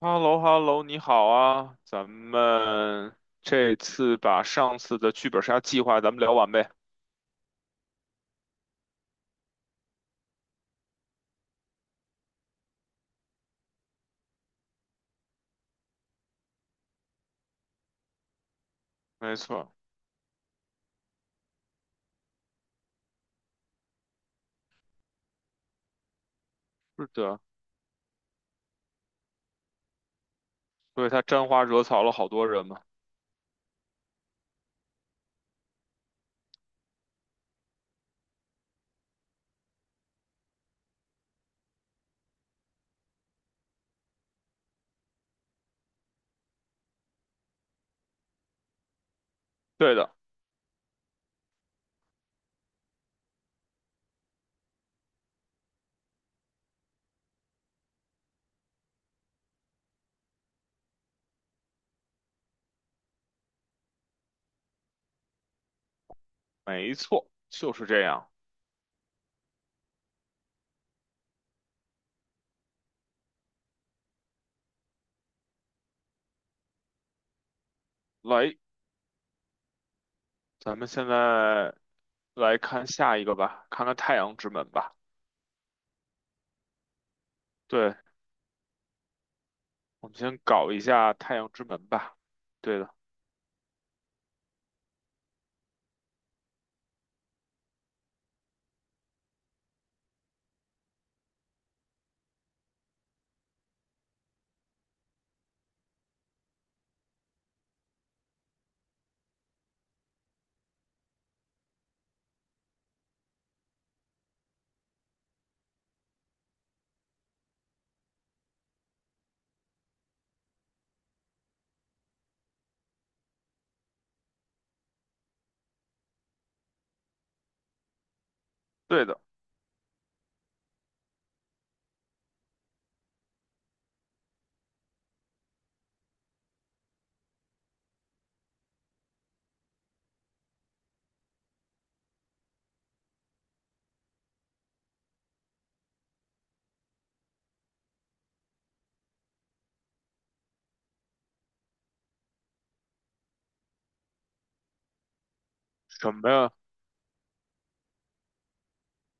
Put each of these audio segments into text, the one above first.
h e l l o h e l l o 你好啊，咱们这次把上次的剧本杀计划咱们聊完呗。没错，是的，所以他沾花惹草了好多人嘛。对的，没错，就是这样。来，咱们现在来看下一个吧，看看太阳之门吧。对，我们先搞一下太阳之门吧。对的，对的，什么呀？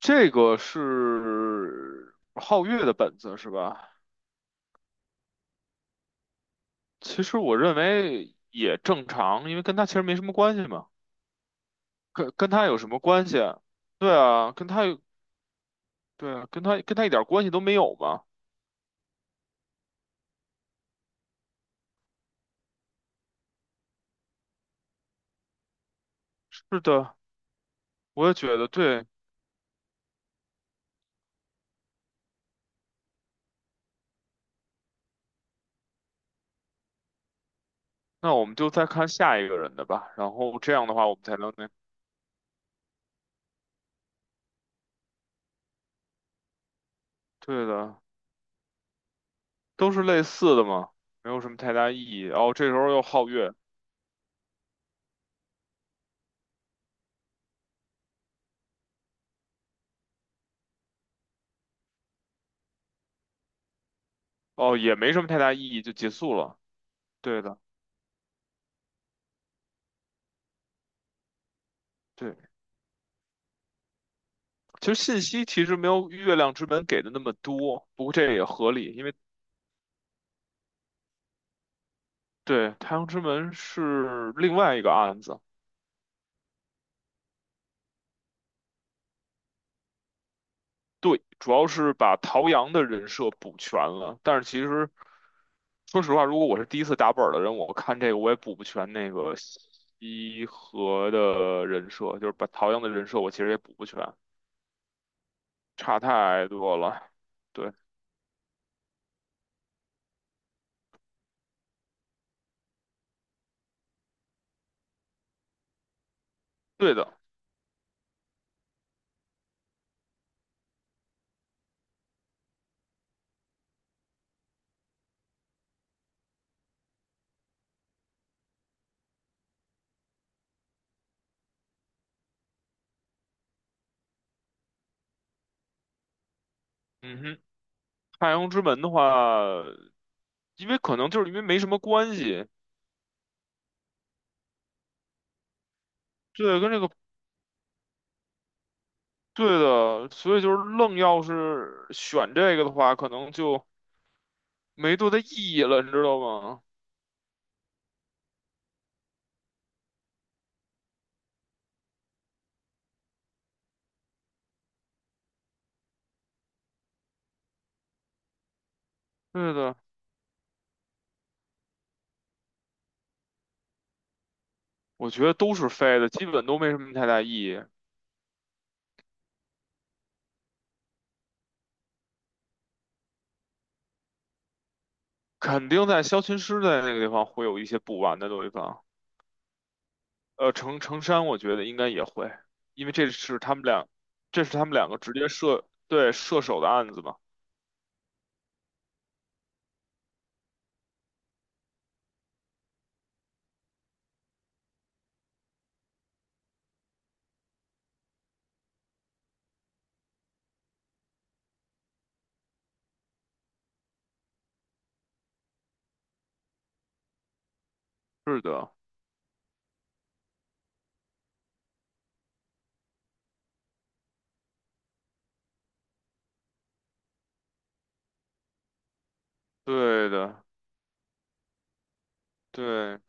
这个是皓月的本子是吧？其实我认为也正常，因为跟他其实没什么关系嘛，跟他有什么关系啊？对啊，跟他有，对啊，跟他一点关系都没有嘛。是的，我也觉得对。那我们就再看下一个人的吧，然后这样的话我们才能那，对的，都是类似的嘛，没有什么太大意义。哦，这时候又皓月，哦，也没什么太大意义，就结束了。对的，对。其实信息其实没有月亮之门给的那么多，不过这也合理，因为对，《太阳之门》是另外一个案子，对，主要是把陶阳的人设补全了。但是其实，说实话，如果我是第一次打本儿的人，我看这个我也补不全那个西河的人设，就是把陶阳的人设我其实也补不全，差太多了。对，对的，嗯哼，《太阳之门》的话，因为可能就是因为没什么关系，对，跟这个对的，所以就是愣要是选这个的话，可能就。没多大意义了，你知道吗？对的，我觉得都是废的，基本都没什么太大意义。肯定在消琴师在那个地方会有一些补完的地方，程山我觉得应该也会，因为这是他们俩，这是他们两个直接射，对，射手的案子吧？是的，对的，对，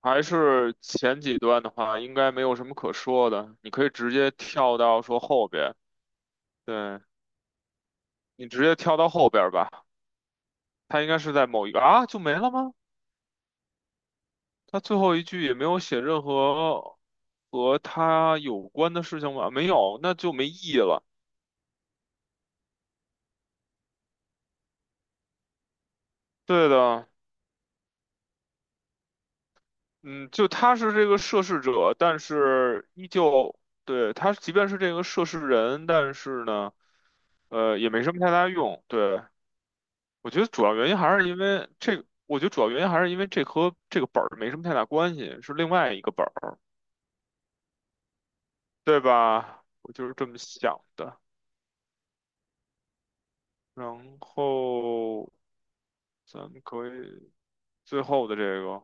还是前几段的话，应该没有什么可说的，你可以直接跳到说后边，对，你直接跳到后边吧，他应该是在某一个啊，就没了吗？他最后一句也没有写任何和他有关的事情吧？没有，那就没意义了。对的，嗯，就他是这个涉事者，但是依旧，对，他即便是这个涉事人，但是呢，也没什么太大用。对，我觉得主要原因还是因为这和这个本儿没什么太大关系，是另外一个本儿，对吧？我就是这么想的。然后咱们可以最后的这个。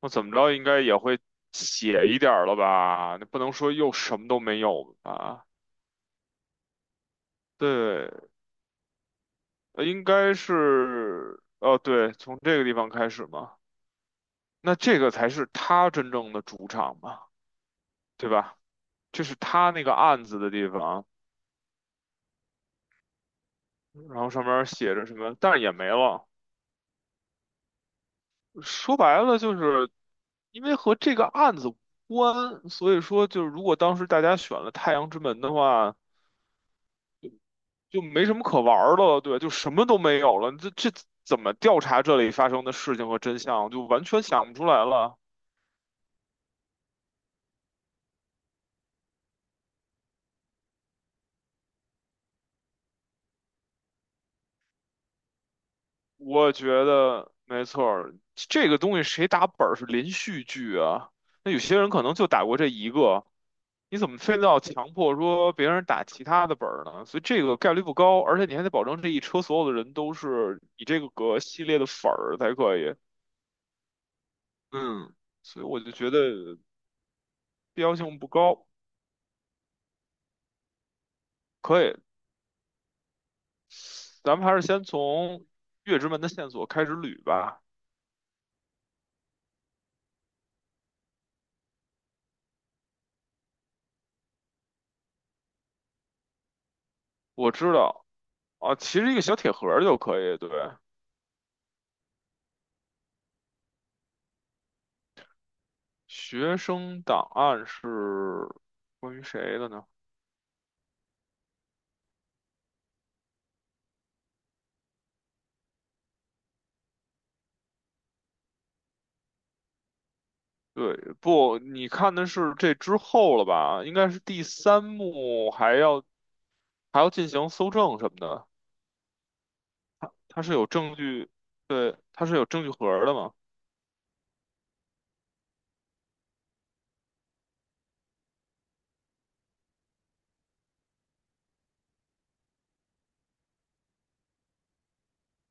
我怎么着应该也会写一点儿了吧？那不能说又什么都没有吧？对，应该是，哦，对，从这个地方开始嘛。那这个才是他真正的主场嘛，对吧？这是他那个案子的地方，然后上面儿写着什么，但是也没了。说白了，就是因为和这个案子无关，所以说就是如果当时大家选了《太阳之门》的话。就没什么可玩儿的了，对，就什么都没有了。这怎么调查这里发生的事情和真相，就完全想不出来了。我觉得没错儿，这个东西谁打本儿是连续剧啊？那有些人可能就打过这一个，你怎么非得要强迫说别人打其他的本儿呢？所以这个概率不高，而且你还得保证这一车所有的人都是你这个系列的粉儿才可以。嗯，所以我就觉得必要性不高，可以。咱们还是先从月之门的线索开始捋吧。我知道啊，其实一个小铁盒儿就可以。对，学生档案是关于谁的呢？对，不，你看的是这之后了吧？应该是第三幕，还要还要进行搜证什么的。它是有证据，对，它是有证据盒儿的嘛？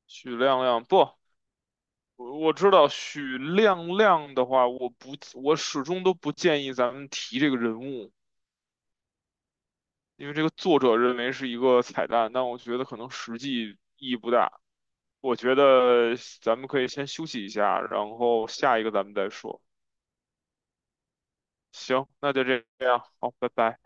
许亮亮不，我知道许亮亮的话，我不，我始终都不建议咱们提这个人物。因为这个作者认为是一个彩蛋，但我觉得可能实际意义不大。我觉得咱们可以先休息一下，然后下一个咱们再说。行，那就这样，好，拜拜。